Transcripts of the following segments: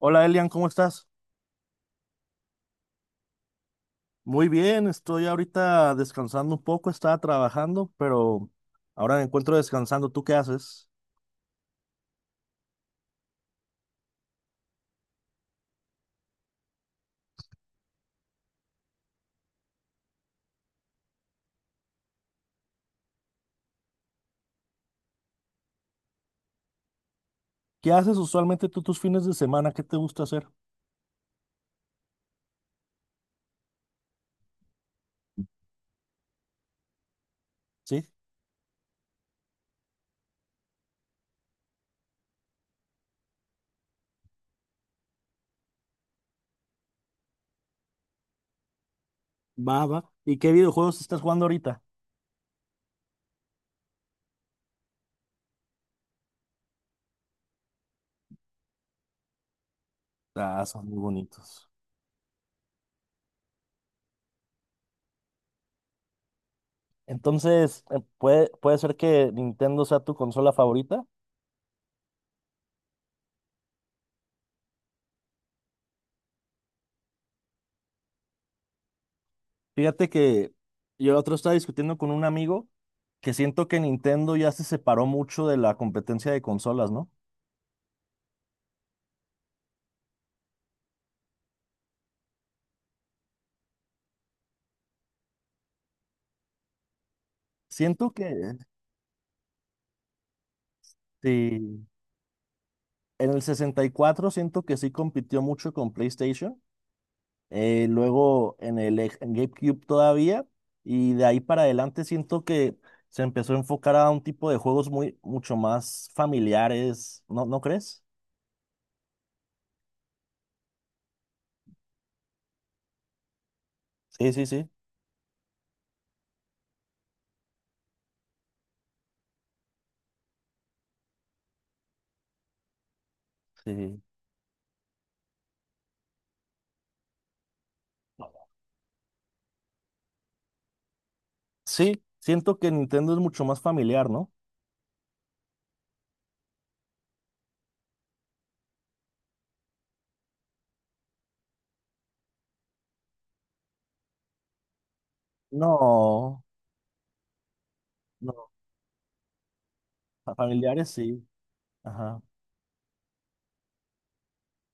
Hola Elian, ¿cómo estás? Muy bien, estoy ahorita descansando un poco, estaba trabajando, pero ahora me encuentro descansando. ¿Tú qué haces? ¿Qué haces usualmente tú tus fines de semana? ¿Qué te gusta hacer? ¿Sí? Va, va. ¿Y qué videojuegos estás jugando ahorita? Ah, son muy bonitos. Entonces, ¿puede ser que Nintendo sea tu consola favorita? Fíjate que yo el otro estaba discutiendo con un amigo que siento que Nintendo ya se separó mucho de la competencia de consolas, ¿no? Siento que... Sí, en el 64 siento que sí compitió mucho con PlayStation, luego en GameCube todavía, y de ahí para adelante siento que se empezó a enfocar a un tipo de juegos muy, mucho más familiares, ¿no, no crees? Sí, sí, sí, sí. Sí, siento que Nintendo es mucho más familiar, ¿no? No, no, familiares sí. Ajá.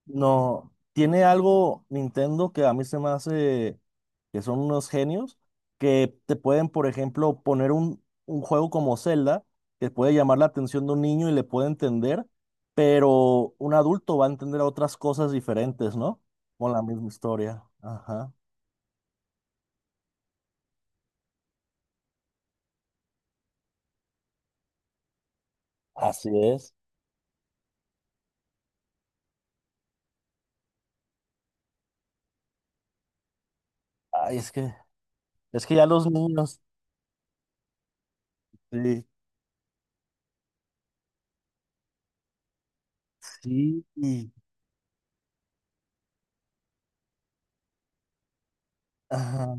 No, tiene algo Nintendo que a mí se me hace que son unos genios que te pueden, por ejemplo, poner un juego como Zelda que puede llamar la atención de un niño y le puede entender, pero un adulto va a entender otras cosas diferentes, ¿no? Con la misma historia. Ajá. Así es. Ay, es que ya los niños, sí, sí, y- ajá.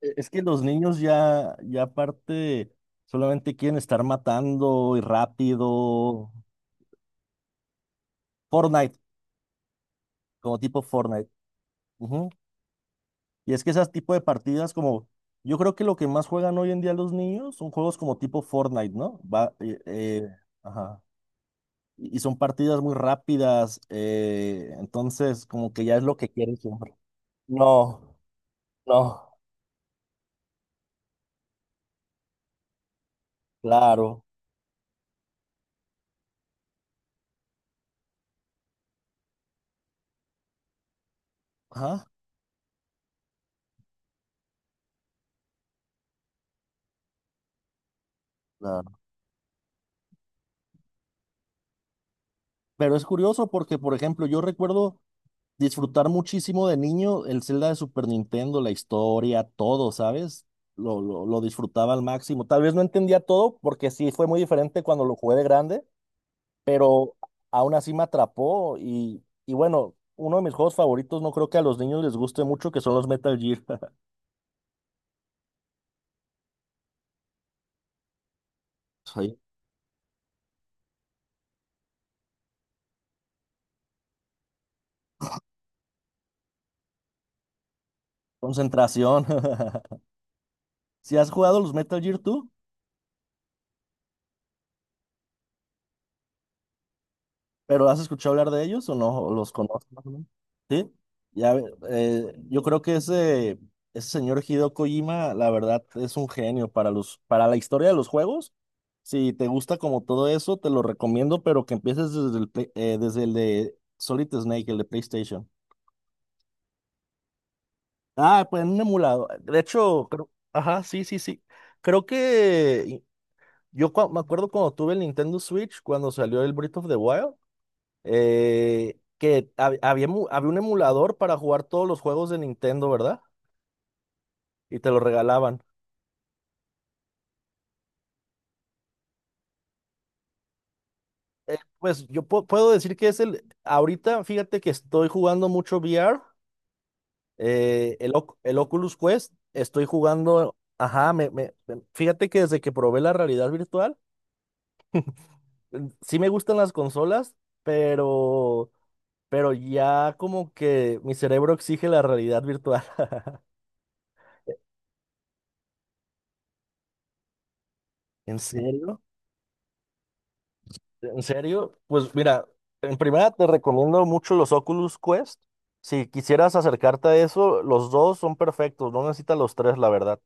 Es que los niños ya, ya aparte, solamente quieren estar matando y rápido. Fortnite, como tipo Fortnite. Ujú. Y es que esas tipo de partidas como, yo creo que lo que más juegan hoy en día los niños son juegos como tipo Fortnite, ¿no? Va, ajá. Y son partidas muy rápidas, entonces como que ya es lo que quieren siempre. No, no, claro. Ajá, claro. Pero es curioso porque, por ejemplo, yo recuerdo disfrutar muchísimo de niño el Zelda de Super Nintendo, la historia, todo, ¿sabes? Lo disfrutaba al máximo. Tal vez no entendía todo porque sí fue muy diferente cuando lo jugué de grande, pero aún así me atrapó y bueno, uno de mis juegos favoritos, no creo que a los niños les guste mucho, que son los Metal Gear. Soy concentración. ¿Si has jugado los Metal Gear tú? ¿Pero has escuchado hablar de ellos o no? ¿O los conoces más o menos? Sí, ya, ve- yo creo que ese señor Hideo Kojima, la verdad, es un genio para los, para la historia de los juegos. Si te gusta como todo eso, te lo recomiendo, pero que empieces desde el, desde el de Solid Snake, el de PlayStation. Ah, pues en un emulado. De hecho, creo, ajá, sí, sí, sí. Creo que yo me acuerdo cuando tuve el Nintendo Switch, cuando salió el Breath of the Wild. Que había, había un emulador para jugar todos los juegos de Nintendo, ¿verdad? Y te lo regalaban. Pues yo puedo decir que es el, ahorita fíjate que estoy jugando mucho VR, el, el Oculus Quest, estoy jugando, ajá, fíjate que desde que probé la realidad virtual, sí me gustan las consolas, pero, pero ya como que mi cerebro exige la realidad virtual. ¿En serio? ¿En serio? Pues mira, en primera te recomiendo mucho los Oculus Quest. Si quisieras acercarte a eso, los dos son perfectos, no necesitas los tres, la verdad.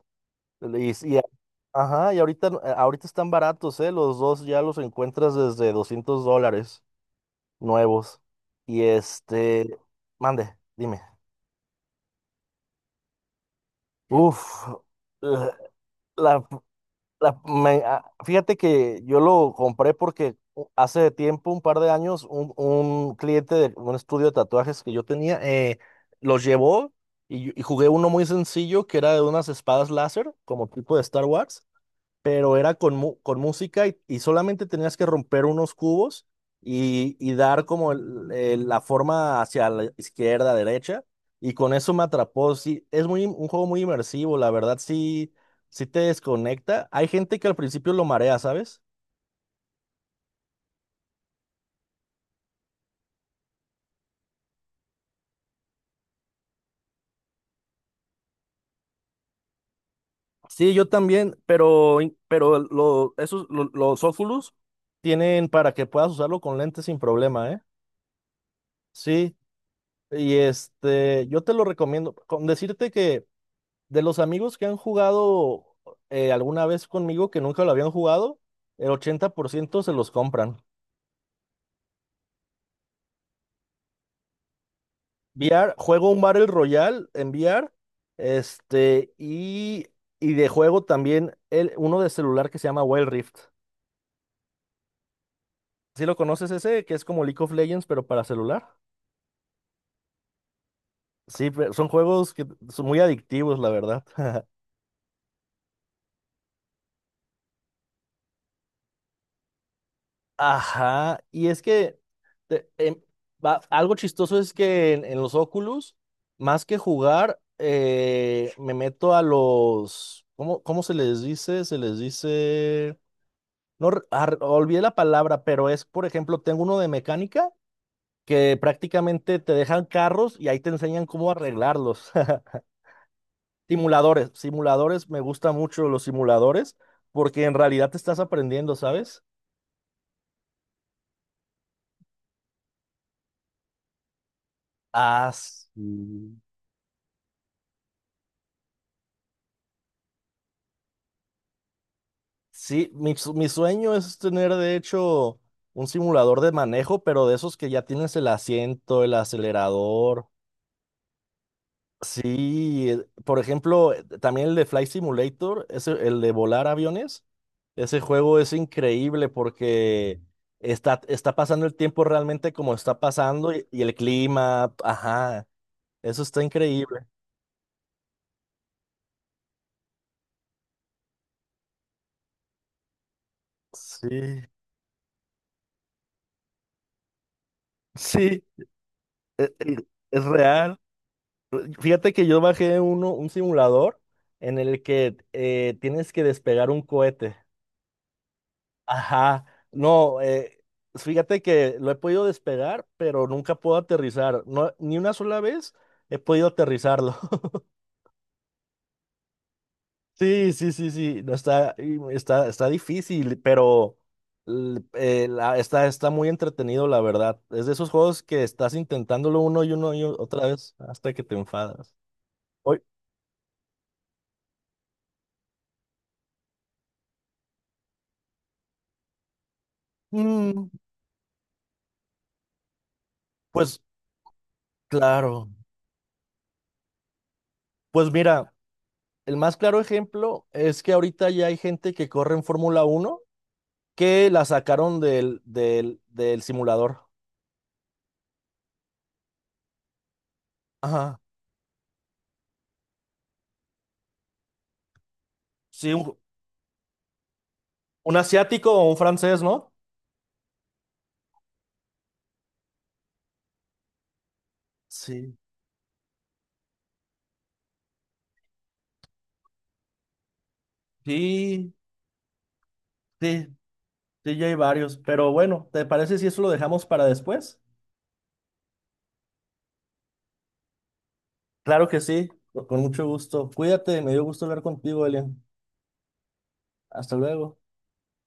Y, y- ajá, y ahorita, ahorita están baratos, ¿eh? Los dos ya los encuentras desde $200 nuevos. Y este, mande, dime. Uf, eh, la, La- me- ah, Fíjate que yo lo compré porque hace tiempo, un par de años, un cliente de un estudio de tatuajes que yo tenía los llevó y jugué uno muy sencillo que era de unas espadas láser, como tipo de Star Wars, pero era con, con música y solamente tenías que romper unos cubos y dar como la forma hacia la izquierda, derecha, y con eso me atrapó. Sí, es muy, un juego muy inmersivo, la verdad, sí, sí te desconecta. Hay gente que al principio lo marea, ¿sabes? Sí, yo también, pero, pero esos, los Oculus tienen para que puedas usarlo con lentes sin problema, ¿eh? Sí, y este, yo te lo recomiendo. Con decirte que de los amigos que han jugado alguna vez conmigo que nunca lo habían jugado, el 80% se los compran. VR, juego un Battle Royale en VR, este, y de juego también el, uno de celular que se llama Wild Rift. ¿Sí lo conoces ese? Que es como League of Legends, pero para celular. Sí, son juegos que son muy adictivos, la verdad. Ajá, y es que te- em, algo chistoso es que en los Oculus, más que jugar, me meto a los, ¿cómo, cómo se les dice? Se les dice, no, olvidé la palabra, pero es, por ejemplo, tengo uno de mecánica que prácticamente te dejan carros y ahí te enseñan cómo arreglarlos. Simuladores, simuladores, me gusta mucho los simuladores porque en realidad te estás aprendiendo, ¿sabes? Ah, sí, mi sueño es tener de hecho un simulador de manejo, pero de esos que ya tienes el asiento, el acelerador. Sí, por ejemplo, también el de Flight Simulator, ese, el de volar aviones, ese juego es increíble porque está, está pasando el tiempo realmente como está pasando y el clima, ajá, eso está increíble. Sí, sí, e- e- es real. Fíjate que yo bajé uno, un simulador en el que tienes que despegar un cohete. Ajá, no, fíjate que lo he podido despegar, pero nunca puedo aterrizar. No, ni una sola vez he podido aterrizarlo. Sí, sí, sí, sí, no está, y está, está difícil, pero está, está muy entretenido, la verdad. Es de esos juegos que estás intentándolo uno y uno y otra vez hasta que te enfadas. Hoy, mm, pues claro. Pues mira, el más claro ejemplo es que ahorita ya hay gente que corre en Fórmula Uno que la sacaron del simulador. Ajá. Sí, un asiático o un francés, ¿no? Sí, sí, sí, sí, ya hay varios. Pero bueno, ¿te parece si eso lo dejamos para después? Claro que sí, con mucho gusto. Cuídate, me dio gusto hablar contigo, Elian. Hasta luego.